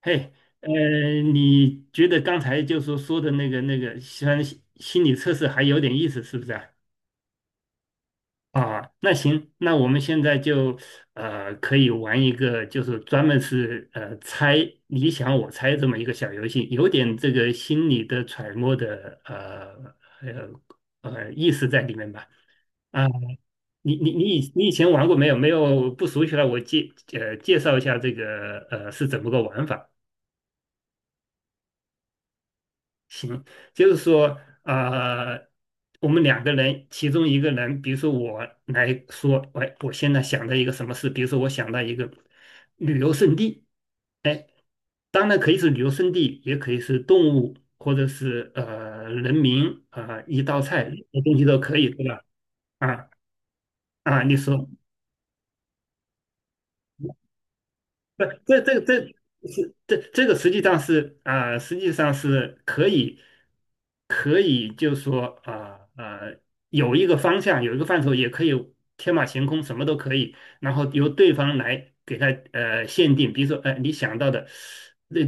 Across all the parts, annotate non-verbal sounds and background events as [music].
嘿，呃，你觉得刚才就说的那个，虽然心理测试还有点意思，是不是啊？啊，那行，那我们现在就可以玩一个，就是专门是猜你想我猜这么一个小游戏，有点这个心理的揣摩的呃意思在里面吧？啊，你以前玩过没有？没有不熟悉了，我介绍一下这个是怎么个玩法。行，就是说，呃，我们两个人，其中一个人，比如说我来说，喂，我现在想到一个什么事，比如说我想到一个旅游胜地。哎，当然可以是旅游胜地，也可以是动物，或者是人民啊、一道菜，什么东西都可以，对吧？啊。啊，你说。不，这这这是这这个实际上是实际上是可以可以，就说啊、呃有一个方向，有一个范畴，也可以天马行空，什么都可以。然后由对方来给他限定，比如说你想到的，那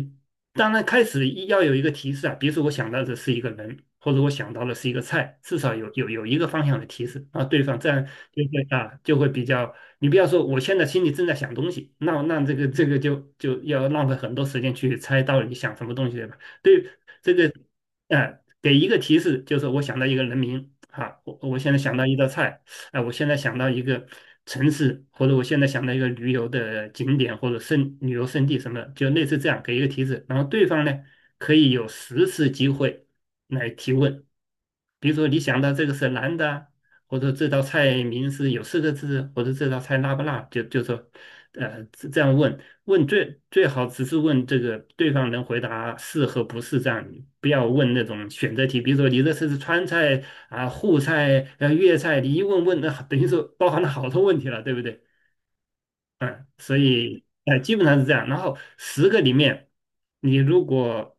当然开始一要有一个提示啊，比如说我想到的是一个人，或者我想到的是一个菜，至少有一个方向的提示啊，对方这样就会比较。你不要说我现在心里正在想东西，那这个就要浪费很多时间去猜到底想什么东西，对吧？对，这个。给一个提示，就是我想到一个人名啊，我现在想到一道菜。哎、我现在想到一个城市，或者我现在想到一个旅游的景点，或者旅游胜地什么的，就类似这样给一个提示，然后对方呢可以有10次机会来提问。比如说你想到这个是男的啊，或者这道菜名是有四个字，或者这道菜辣不辣，就说这样问，问最好只是问这个对方能回答是和不是这样，不要问那种选择题。比如说你这是川菜啊、沪菜啊、粤菜，你一问问那等于说包含了好多问题了，对不对？所以基本上是这样。然后十个里面，你如果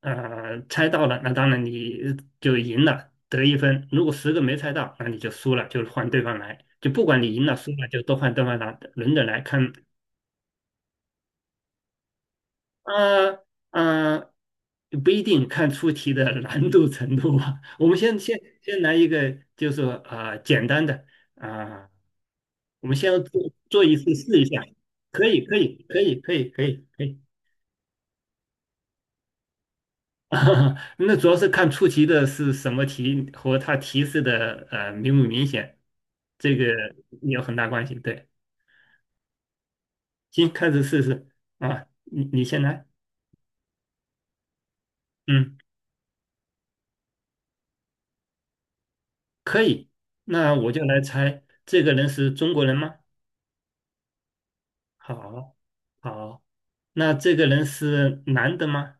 猜到了，那当然你就赢了，得一分；如果十个没猜到，那你就输了，就换对方来。就不管你赢了输了，就都换对方来，轮着来看呃呃，不一定看出题的难度程度吧。我们先来一个，就是说简单的啊、呃我们先做一次试一下，可以可以可以可以可以可以。[laughs] 那主要是看出题的是什么题和它提示的明不明显，这个有很大关系。对，行，开始试试啊，你先来，嗯，可以。那我就来猜这个人是中国人吗？好。好，那这个人是男的吗？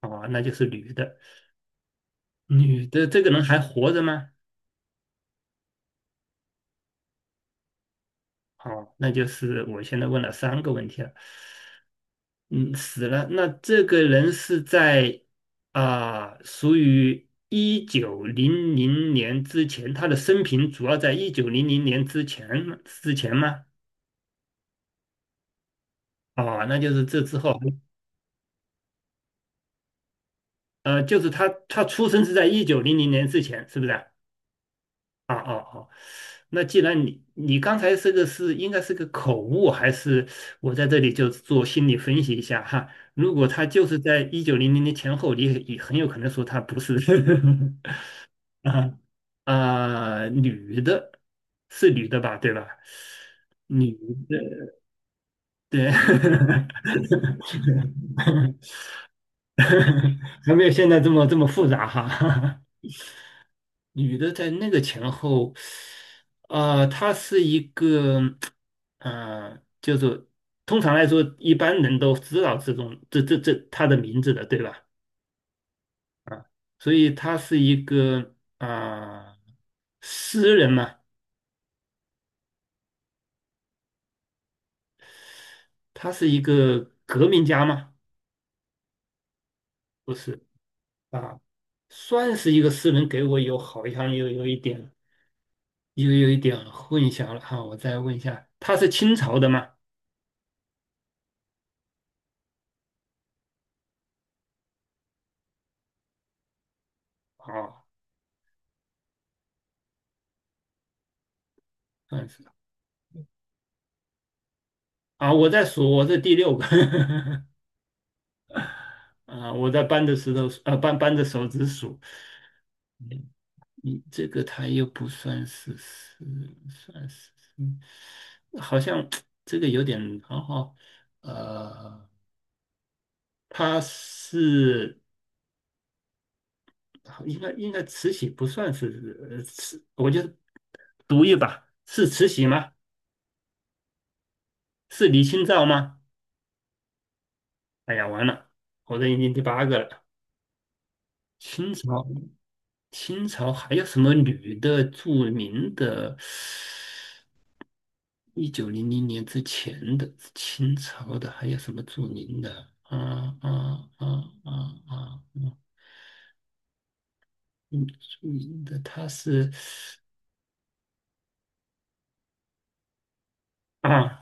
哦，那就是女的。女的这个人还活着吗？哦，那就是我现在问了三个问题了。嗯，死了。那这个人是在属于一九零零年之前，他的生平主要在一九零零年之前吗？哦，那就是这之后。就是他出生是在一九零零年之前，是不是啊？哦哦哦，那既然你刚才这个是应该是个口误，还是我在这里就做心理分析一下哈？如果他就是在一九零零年前后，你也很有可能说他不是 [laughs] 啊。啊、女的，是女的吧，对吧？女的，对，[laughs] 还没有现在这么复杂哈。女的在那个前后，她是一个，就是通常来说，一般人都知道这种这这这她的名字的，对吧？所以她是一个诗人嘛，她是一个革命家嘛？不是啊，算是一个诗人，给我好像有一点混淆了哈、我再问一下，她是清朝的吗？哦。嗯，啊，我在数，我是第六个 [laughs] 啊，我在搬着石头，啊，搬着手指数。你你这个他又不算是算是。嗯好像 [tsk] 这个有点好好。呃，他是应该慈禧不算是慈，我就读一把，是慈禧吗？是李清照吗？哎呀，完了，我这已经第八个了，清朝。清朝还有什么女的著名的？一九零零年之前的清朝的还有什么著名的？啊啊啊啊啊！啊，嗯，著名的她是啊，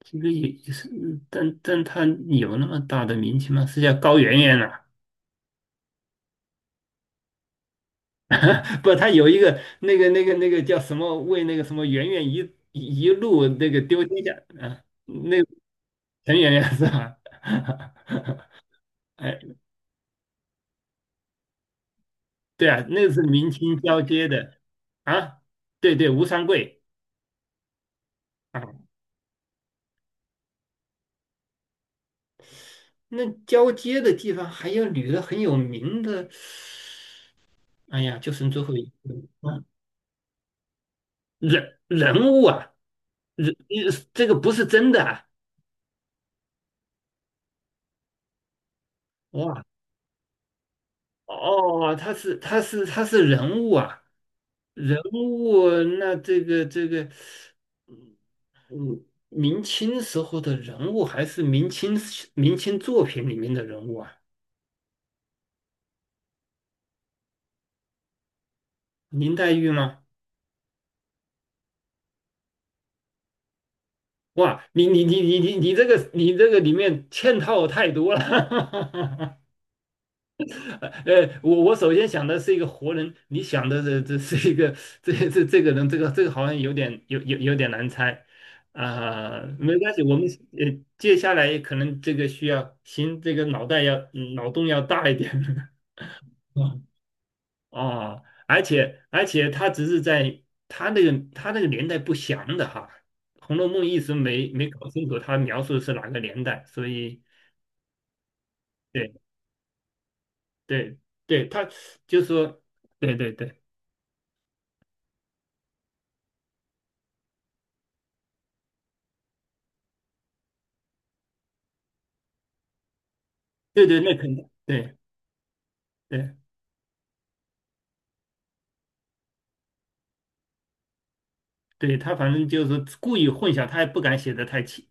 这个也是，但她有那么大的名气吗？是叫高圆圆啊？[laughs] 不，她有一个那个叫什么为那个什么圆圆一路那个丢天下啊，那个陈圆圆是吧？[laughs] 哎，对啊，那个是明清交接的啊，对对，吴三桂啊，那交接的地方还有女的很有名的。哎呀，就剩最后一个啊。人物啊，人这个不是真的啊。哇。哦，他是人物啊，人物。那这个，嗯明清时候的人物还是明清作品里面的人物啊，林黛玉吗？哇，你这个里面嵌套太多了，[laughs] 我首先想的是一个活人，你想的是这个人。这个好像有点难猜啊、没关系，我们接下来可能这个需要行，这个脑洞要大一点，[laughs] 啊。而且他只是在他那个年代不详的哈，《红楼梦》一直没搞清楚他描述的是哪个年代，所以对对对，他就说对对对对对，那肯定对对。对，他反正就是故意混淆，他也不敢写的太清。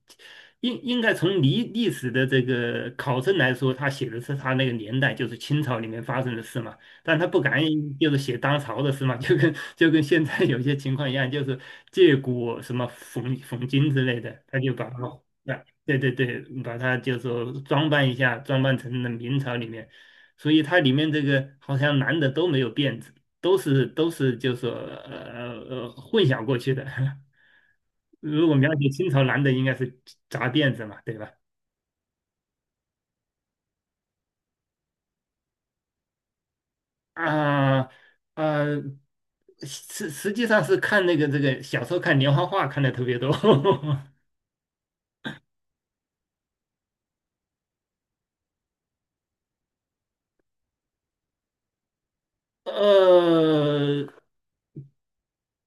应该从历史的这个考证来说，他写的是他那个年代，就是清朝里面发生的事嘛。但他不敢就是写当朝的事嘛，[laughs] 就跟现在有些情况一样，就是借古什么讽今之类的，他就把它。啊，对对对，把它就说装扮一下，装扮成了明朝里面。所以它里面这个好像男的都没有辫子，都是就是说混淆过去的。[laughs] 如果描写清朝男的，应该是扎辫子嘛，对吧？啊。啊，实际上是看那个这个小时候看连环画看的特别多。[laughs] 呃，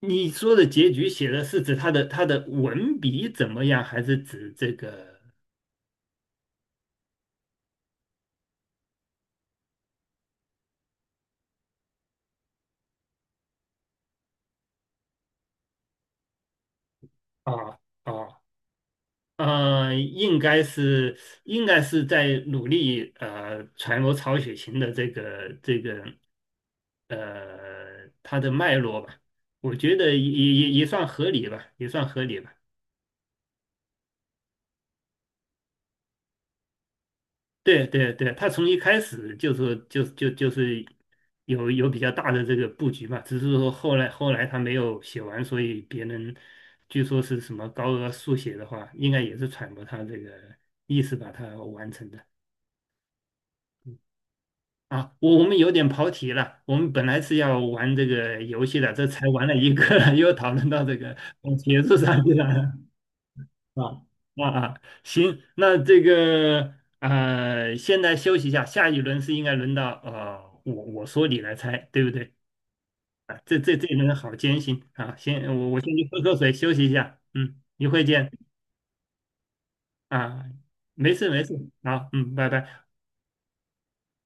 你说的结局写的是指他的文笔怎么样，还是指这个？啊。啊？呃，应该是应该是在努力揣摩曹雪芹的他的脉络吧，我觉得也算合理吧，也算合理吧。对对对，他从一开始就是有比较大的这个布局嘛，只是说后来他没有写完，所以别人据说是什么高额速写的话，应该也是揣摩他这个意思把它完成的。啊，我们有点跑题了。我们本来是要玩这个游戏的，这才玩了一个，[laughs] 又讨论到这个学术上去了。啊啊啊！行，那这个现在休息一下，下一轮是应该轮到我说你来猜，对不对？啊，这一轮好艰辛啊！行，我先去喝口水休息一下，嗯，一会见啊，没事没事，好，嗯，拜拜。